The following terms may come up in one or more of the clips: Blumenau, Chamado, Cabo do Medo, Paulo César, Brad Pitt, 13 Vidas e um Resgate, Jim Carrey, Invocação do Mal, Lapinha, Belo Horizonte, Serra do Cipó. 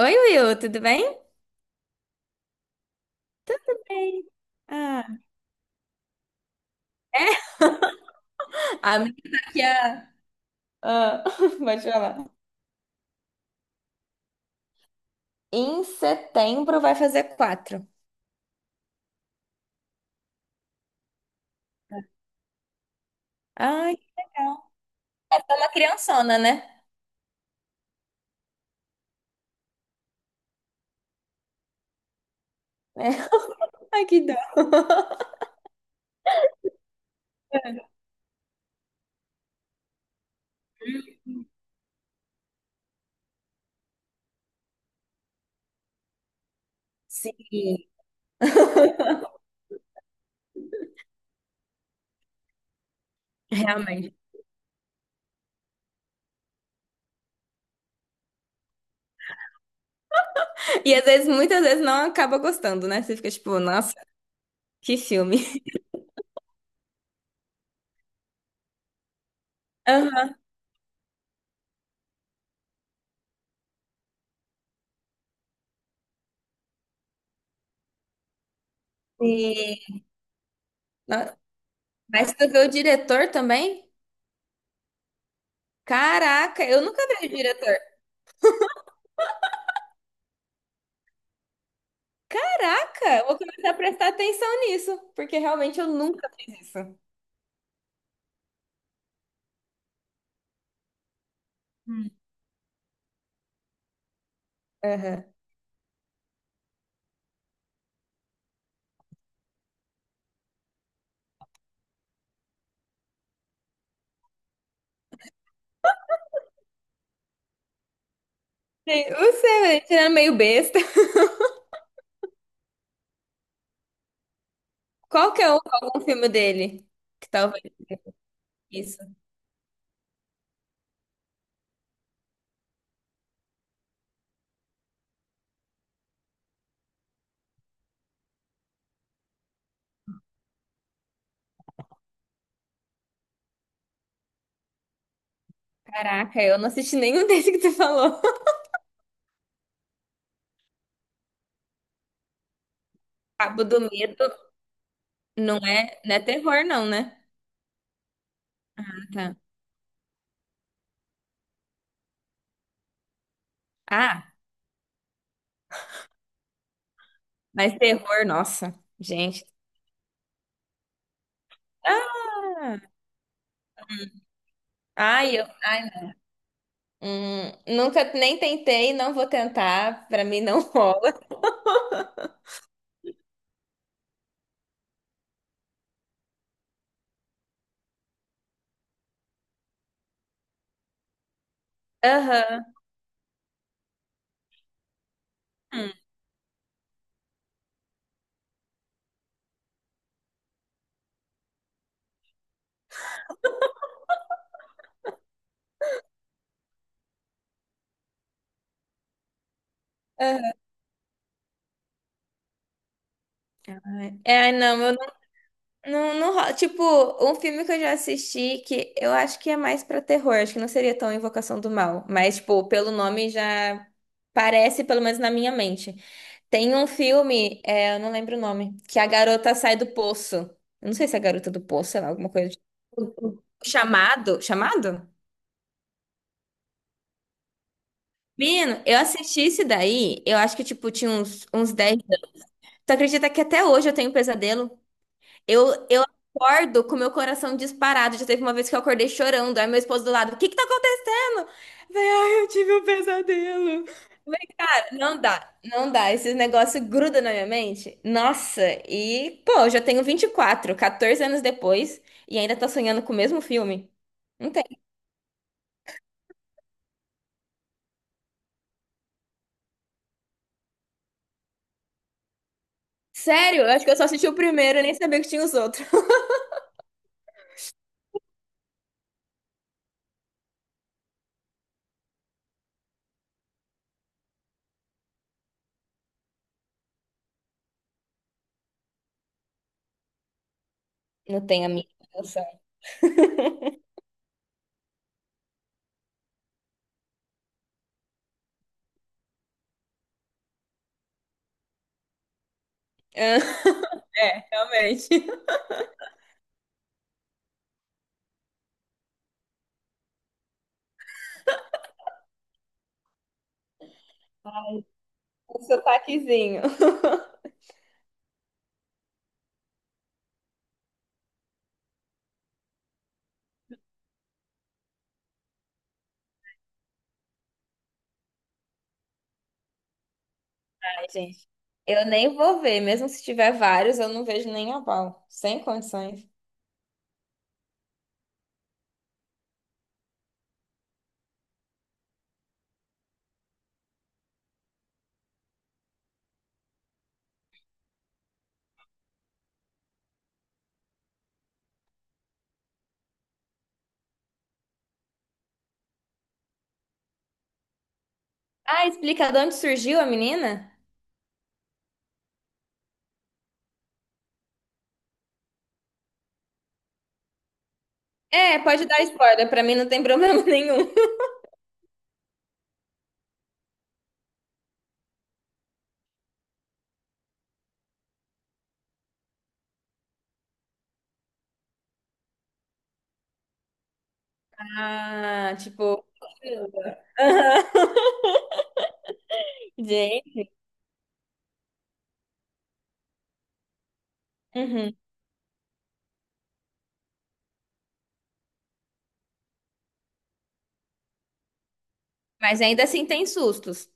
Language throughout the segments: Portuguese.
Oi, Will, tudo bem? Tudo bem. Ah, é? A minha tá aqui Ah, pode falar. Em setembro vai fazer 4. Ai, que legal. É só uma criançona, né? É. Ai, que dó. Sim. Realmente. E às vezes, muitas vezes, não acaba gostando, né? Você fica tipo, nossa, que filme. Aham. E... no- Mas tu vê o diretor também? Caraca, eu nunca vi o diretor. Caraca, eu vou começar a prestar atenção nisso, porque realmente eu nunca fiz isso. Hum. Aham. Sim, você era meio besta. Qual que é algum filme dele? Que talvez isso. Caraca, eu não assisti nenhum desse que tu falou. Cabo do Medo não é terror, não, né? Tá. Ah, mas terror, nossa, gente. Ah, ai, ai, não. Nunca nem tentei, não vou tentar. Pra mim não rola. Aham. Hum. É, não, eu não, não, não ro- tipo, um filme que eu já assisti que eu acho que é mais pra terror, acho que não seria tão Invocação do Mal, mas, tipo, pelo nome já parece, pelo menos na minha mente. Tem um filme, eu não lembro o nome, que a garota sai do poço. Eu não sei se é a garota do poço, sei lá, alguma coisa. O Chamado? Chamado? Menino, eu assisti esse daí, eu acho que, tipo, tinha uns 10. Tu acredita que até hoje eu tenho pesadelo? Eu acordo com meu coração disparado. Já teve uma vez que eu acordei chorando. Aí meu esposo do lado, o que que tá acontecendo? Eu falei, ai, eu tive um pesadelo. Não dá, não dá. Esse negócio gruda na minha mente. Nossa, e pô, eu já tenho 24, 14 anos depois, e ainda tá sonhando com o mesmo filme. Não tem. Sério, eu acho que eu só assisti o primeiro, eu nem sabia que tinha os outros. Não tem a minha noção. É, realmente. O sotaquezinho. Gente, eu nem vou ver, mesmo se tiver vários, eu não vejo nem a pau. Sem condições. Ah, explica de onde surgiu a menina? É, pode dar spoiler, pra mim não tem problema nenhum. Ah, tipo. Aham. Gente. Uhum. Mas ainda assim tem sustos.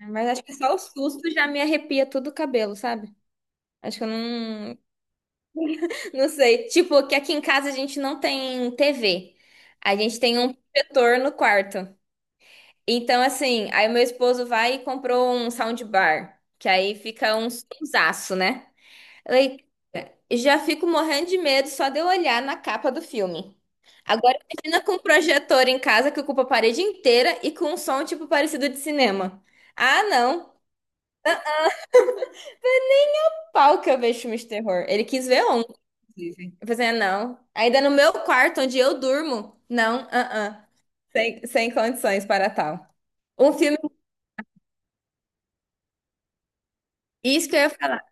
Mas acho que só o susto já me arrepia todo o cabelo, sabe? Acho que eu não. Não sei. Tipo, que aqui em casa a gente não tem TV. A gente tem um protetor no quarto. Então, assim, aí meu esposo vai e comprou um soundbar, que aí fica um sonsaço, né? Eu já fico morrendo de medo só de eu olhar na capa do filme. Agora imagina com um projetor em casa que ocupa a parede inteira e com um som tipo parecido de cinema. Ah, não. O pau que eu vejo filmes de terror. Ele quis ver um, inclusive. Eu falei, assim, ah, não. Ainda no meu quarto, onde eu durmo. Não, ah, ah. Sem condições para tal. Um filme. Isso que eu ia falar.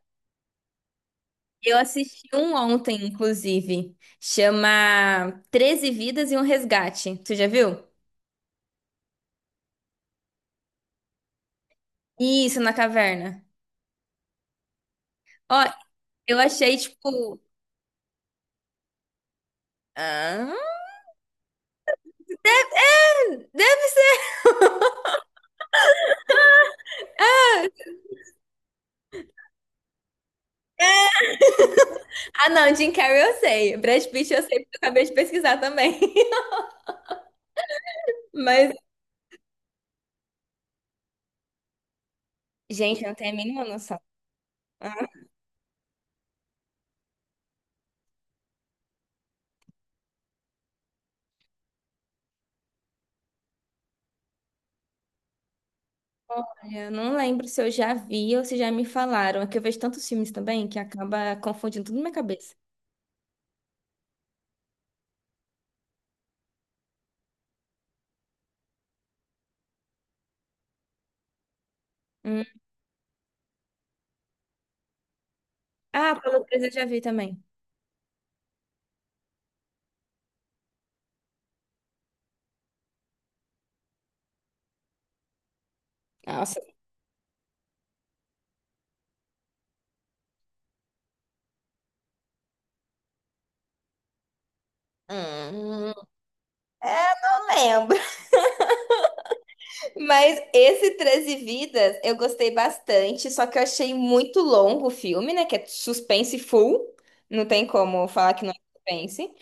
Eu assisti um ontem, inclusive. Chama 13 Vidas e um Resgate. Tu já viu? Isso, na caverna. Ó, eu achei, tipo. Ah, deve ser. Ah, não, Jim Carrey eu sei. Brad Pitt eu sei, porque eu acabei de pesquisar também. Mas, gente, eu não tenho a mínima noção. Olha, eu não lembro se eu já vi ou se já me falaram. É que eu vejo tantos filmes também que acaba confundindo tudo na minha cabeça. Hum. Ah, Paulo César eu já vi também. Nossa. Hum. Eu lembro. Mas esse 13 Vidas eu gostei bastante, só que eu achei muito longo o filme, né? Que é suspense full, não tem como falar que não é suspense.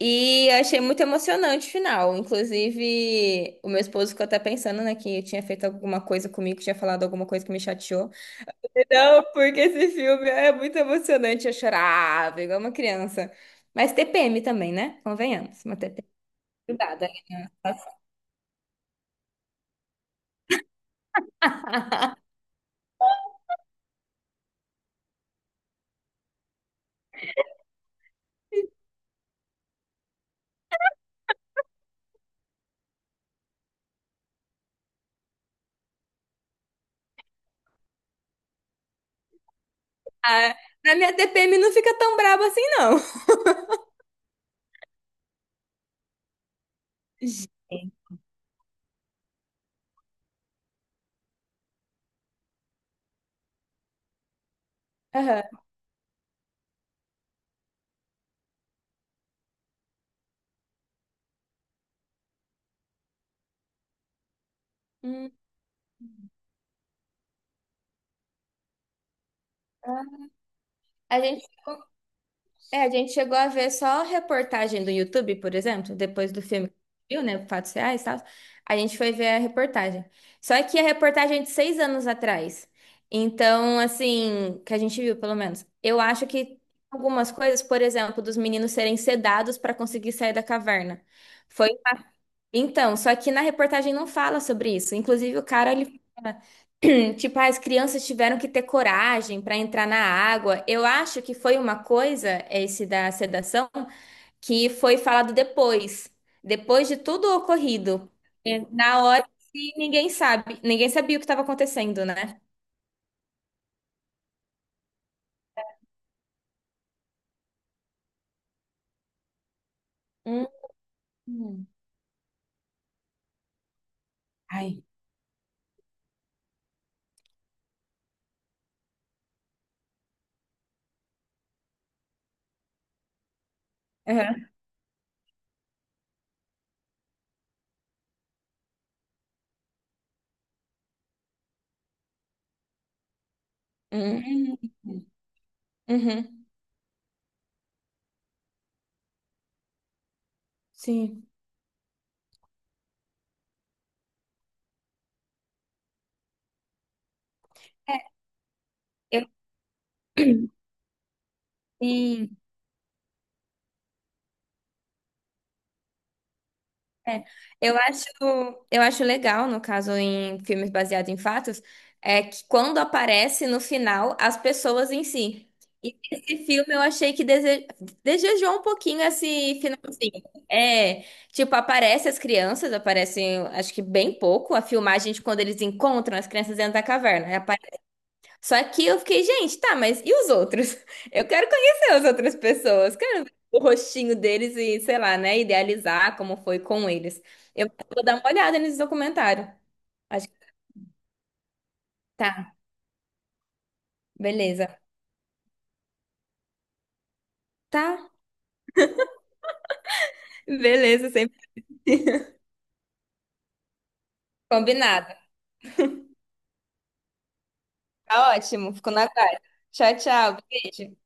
E eu achei muito emocionante o final. Inclusive, o meu esposo ficou até pensando, né, que eu tinha feito alguma coisa comigo, que tinha falado alguma coisa que me chateou. Não, porque esse filme é muito emocionante. Eu chorava igual uma criança. Mas TPM também, né? Convenhamos, uma TPM. Cuidado, né? Ah, na minha TPM não fica tão braba assim, não. Aham. Hum, ah. A gente, chegou- a gente chegou a ver só reportagem do YouTube, por exemplo, depois do filme, que viu, né? Fatos reais e tal. A gente foi ver a reportagem. Só que a reportagem é de 6 anos atrás. Então, assim, que a gente viu, pelo menos. Eu acho que algumas coisas, por exemplo, dos meninos serem sedados para conseguir sair da caverna. Foi. Então, só que na reportagem não fala sobre isso. Inclusive, o cara, ele. Tipo, ah, as crianças tiveram que ter coragem para entrar na água. Eu acho que foi uma coisa, esse da sedação, que foi falado depois, depois de tudo ocorrido. É, na hora que ninguém sabe, ninguém sabia o que estava acontecendo, né? Hum. Ai. Uhum. Hum. Hum. Uhum. Sim. Eu vi. É, eu acho, eu acho legal, no caso, em filmes baseados em fatos, é que quando aparece no final as pessoas em si. E esse filme eu achei que desejou um pouquinho esse finalzinho. É, tipo, aparece as crianças, aparecem, acho que bem pouco, a filmagem de quando eles encontram as crianças dentro da caverna. Só que eu fiquei, gente, tá, mas e os outros? Eu quero conhecer as outras pessoas, quero ver o rostinho deles e, sei lá, né, idealizar como foi com eles. Eu vou dar uma olhada nesse documentário. Acho que tá, beleza. Tá, beleza, sempre combinado. Tá ótimo, fico na guarda. Tchau, tchau, beijo.